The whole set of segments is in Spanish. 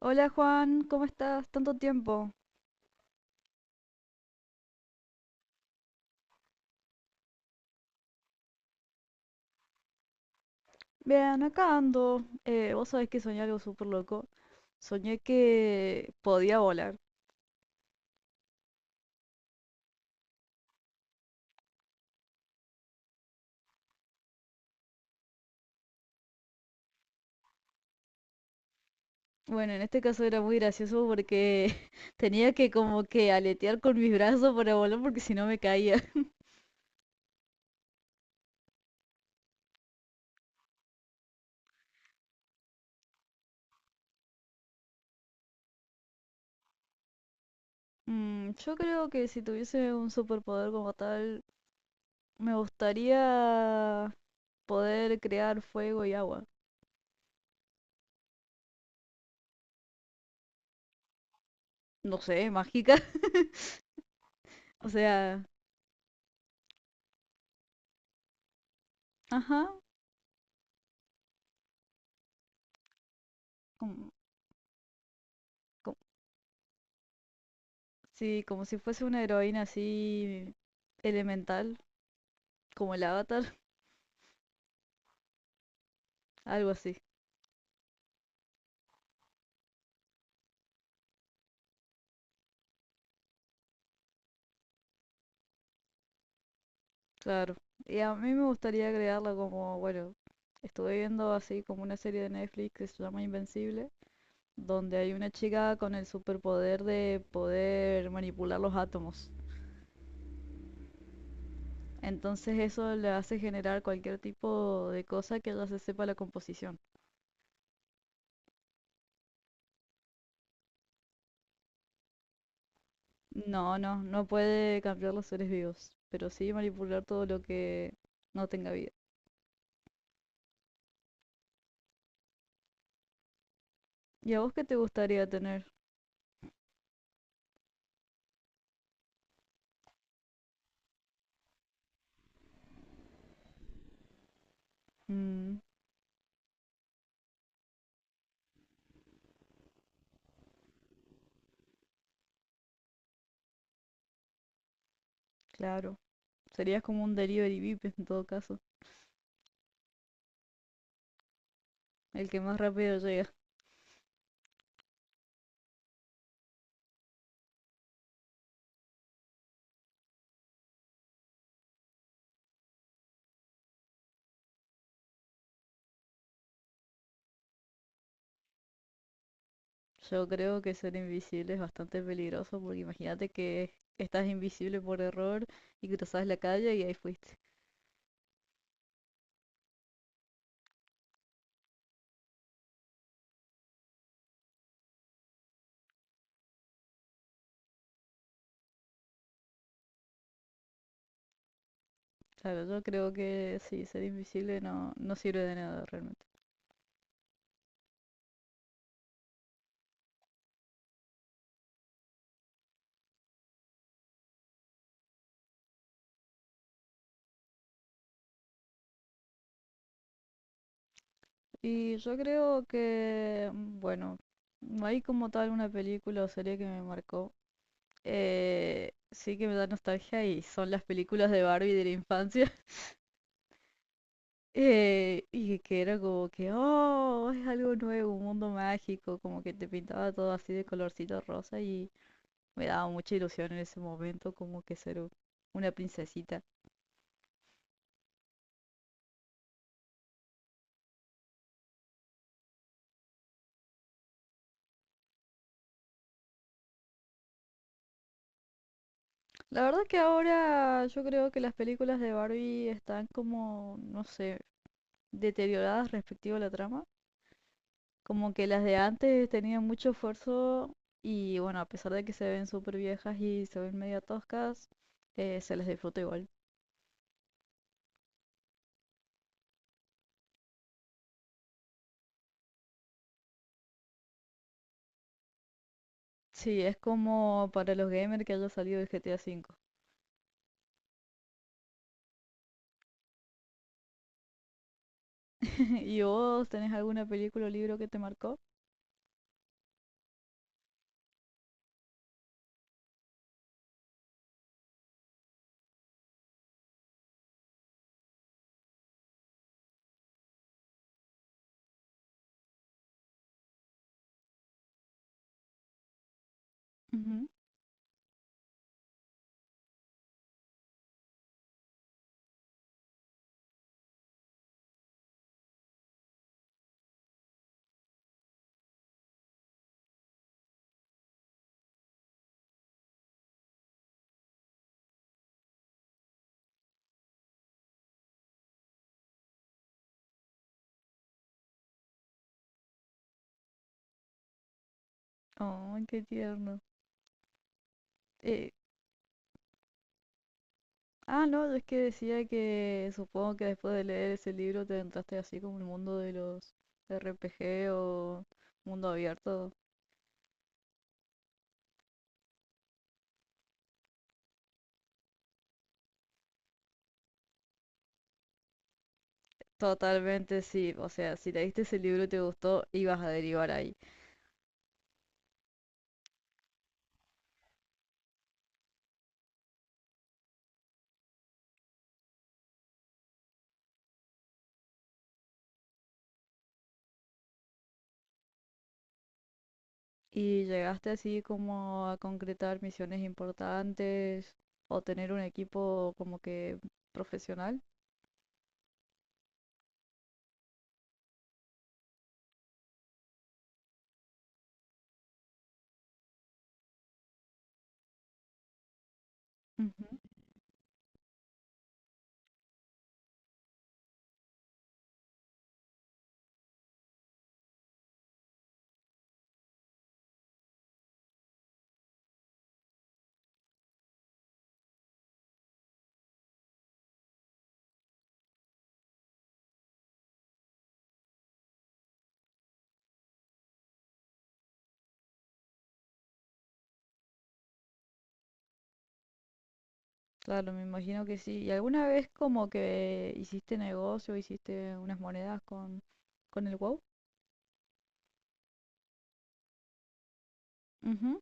Hola Juan, ¿cómo estás? Tanto tiempo. Bien, acá ando. Vos sabés que soñé algo súper loco. Soñé que podía volar. Bueno, en este caso era muy gracioso porque tenía que como que aletear con mis brazos para volar porque si no me caía. Yo creo que si tuviese un superpoder como tal, me gustaría poder crear fuego y agua. No sé, mágica. O sea, ajá, como, sí, como si fuese una heroína así elemental, como el Avatar, algo así, claro. Y a mí me gustaría agregarla como, bueno, estuve viendo así como una serie de Netflix que se llama Invencible, donde hay una chica con el superpoder de poder manipular los átomos. Entonces eso le hace generar cualquier tipo de cosa que ella se sepa la composición. No, no, no puede cambiar los seres vivos, pero sí manipular todo lo que no tenga vida. ¿Y a vos qué te gustaría tener? Mm, claro. Serías como un delivery VIP en todo caso. El que más rápido llega. Yo creo que ser invisible es bastante peligroso porque imagínate que estás invisible por error y cruzas la calle y ahí fuiste. Claro, yo creo que sí, ser invisible no, no sirve de nada realmente. Y yo creo que, mm, bueno, no hay como tal una película o serie que me marcó. Sí que me da nostalgia y son las películas de Barbie de la infancia. Y que era como que, oh, es algo nuevo, un mundo mágico, como que te pintaba todo así de colorcito rosa y me daba mucha ilusión en ese momento como que ser una princesita. La verdad que ahora yo creo que las películas de Barbie están como, no sé, deterioradas respecto a la trama. Como que las de antes tenían mucho esfuerzo y bueno, a pesar de que se ven súper viejas y se ven medio toscas, se las disfruta igual. Sí, es como para los gamers que haya salido el GTA V. ¿Y vos tenés alguna película o libro que te marcó? Ujú. Oh, qué tierno. Eh, ah, no, es que decía que supongo que después de leer ese libro te entraste así como el mundo de los RPG o mundo abierto. Totalmente sí, o sea, si leíste ese libro y te gustó, ibas a derivar ahí. ¿Y llegaste así como a concretar misiones importantes o tener un equipo como que profesional? Ujú, claro, me imagino que sí. ¿Y alguna vez como que hiciste negocio, hiciste unas monedas con el WoW? Ujú,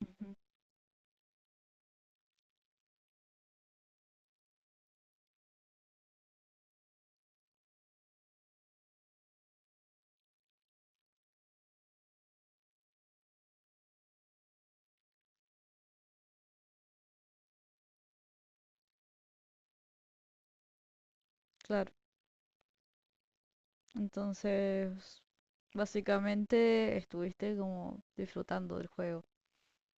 ujú, claro, entonces básicamente estuviste como disfrutando del juego,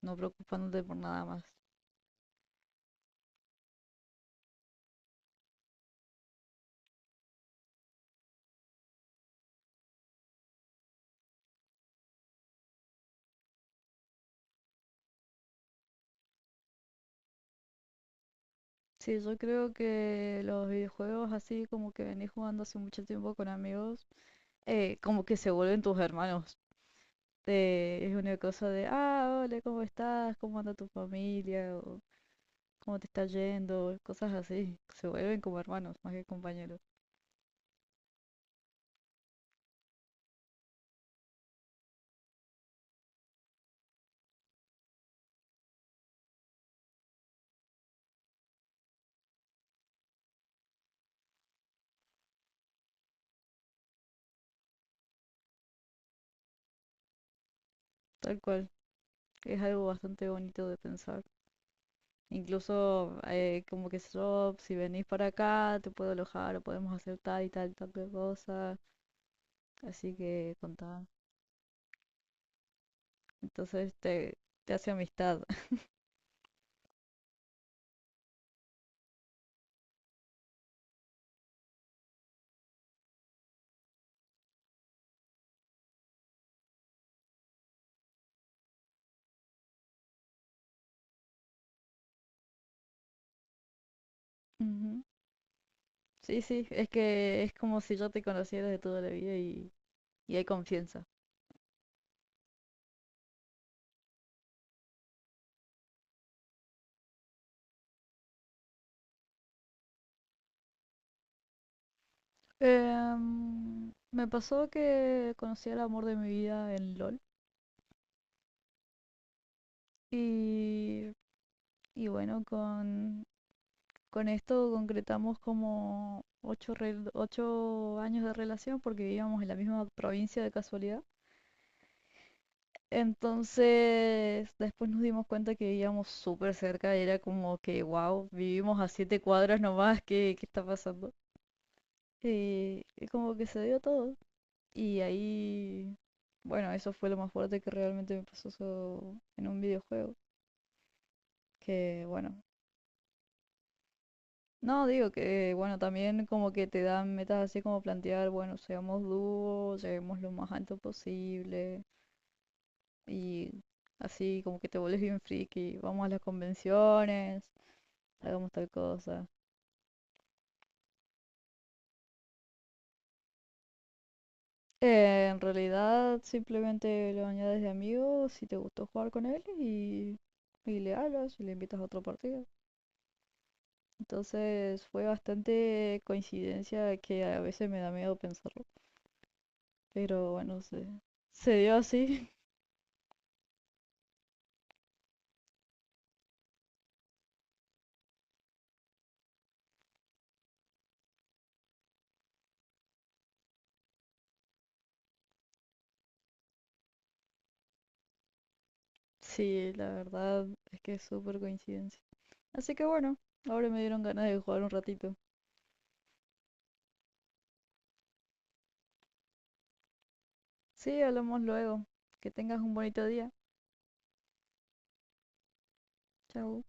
no preocupándote por nada más. Sí, yo creo que los videojuegos así como que venís jugando hace mucho tiempo con amigos, como que se vuelven tus hermanos. Es una cosa de, ah, hola, ¿cómo estás? ¿Cómo anda tu familia? O, ¿cómo te está yendo? Cosas así. Se vuelven como hermanos, más que compañeros. Tal cual. Es algo bastante bonito de pensar. Incluso como que yo, si venís para acá, te puedo alojar o podemos hacer tal y tal, tal cosa. Así que contá. Entonces te hace amistad. Ujú. Sí, sí, es que es como si yo te conociera de toda la vida y hay confianza. Me pasó que conocí al amor de mi vida en LOL y, y bueno, con esto concretamos como ocho, 8 años de relación porque vivíamos en la misma provincia de casualidad. Entonces, después nos dimos cuenta que vivíamos súper cerca y era como que, wow, vivimos a 7 cuadras nomás, ¿qué está pasando? Y como que se dio todo. Y ahí, bueno, eso fue lo más fuerte que realmente me pasó en un videojuego. Que bueno, no digo que, bueno, también como que te dan metas así como plantear, bueno, seamos dúo, lleguemos lo más alto posible. Y así como que te vuelves bien friki, vamos a las convenciones, hagamos tal cosa. En realidad simplemente lo añades de amigo si te gustó jugar con él y le hablas y le invitas a otra partida. Entonces fue bastante coincidencia que a veces me da miedo pensarlo. Pero bueno, se dio así. Sí, la verdad es que es súper coincidencia. Así que bueno, ahora me dieron ganas de jugar un ratito. Sí, hablamos luego. Que tengas un bonito día. Chau.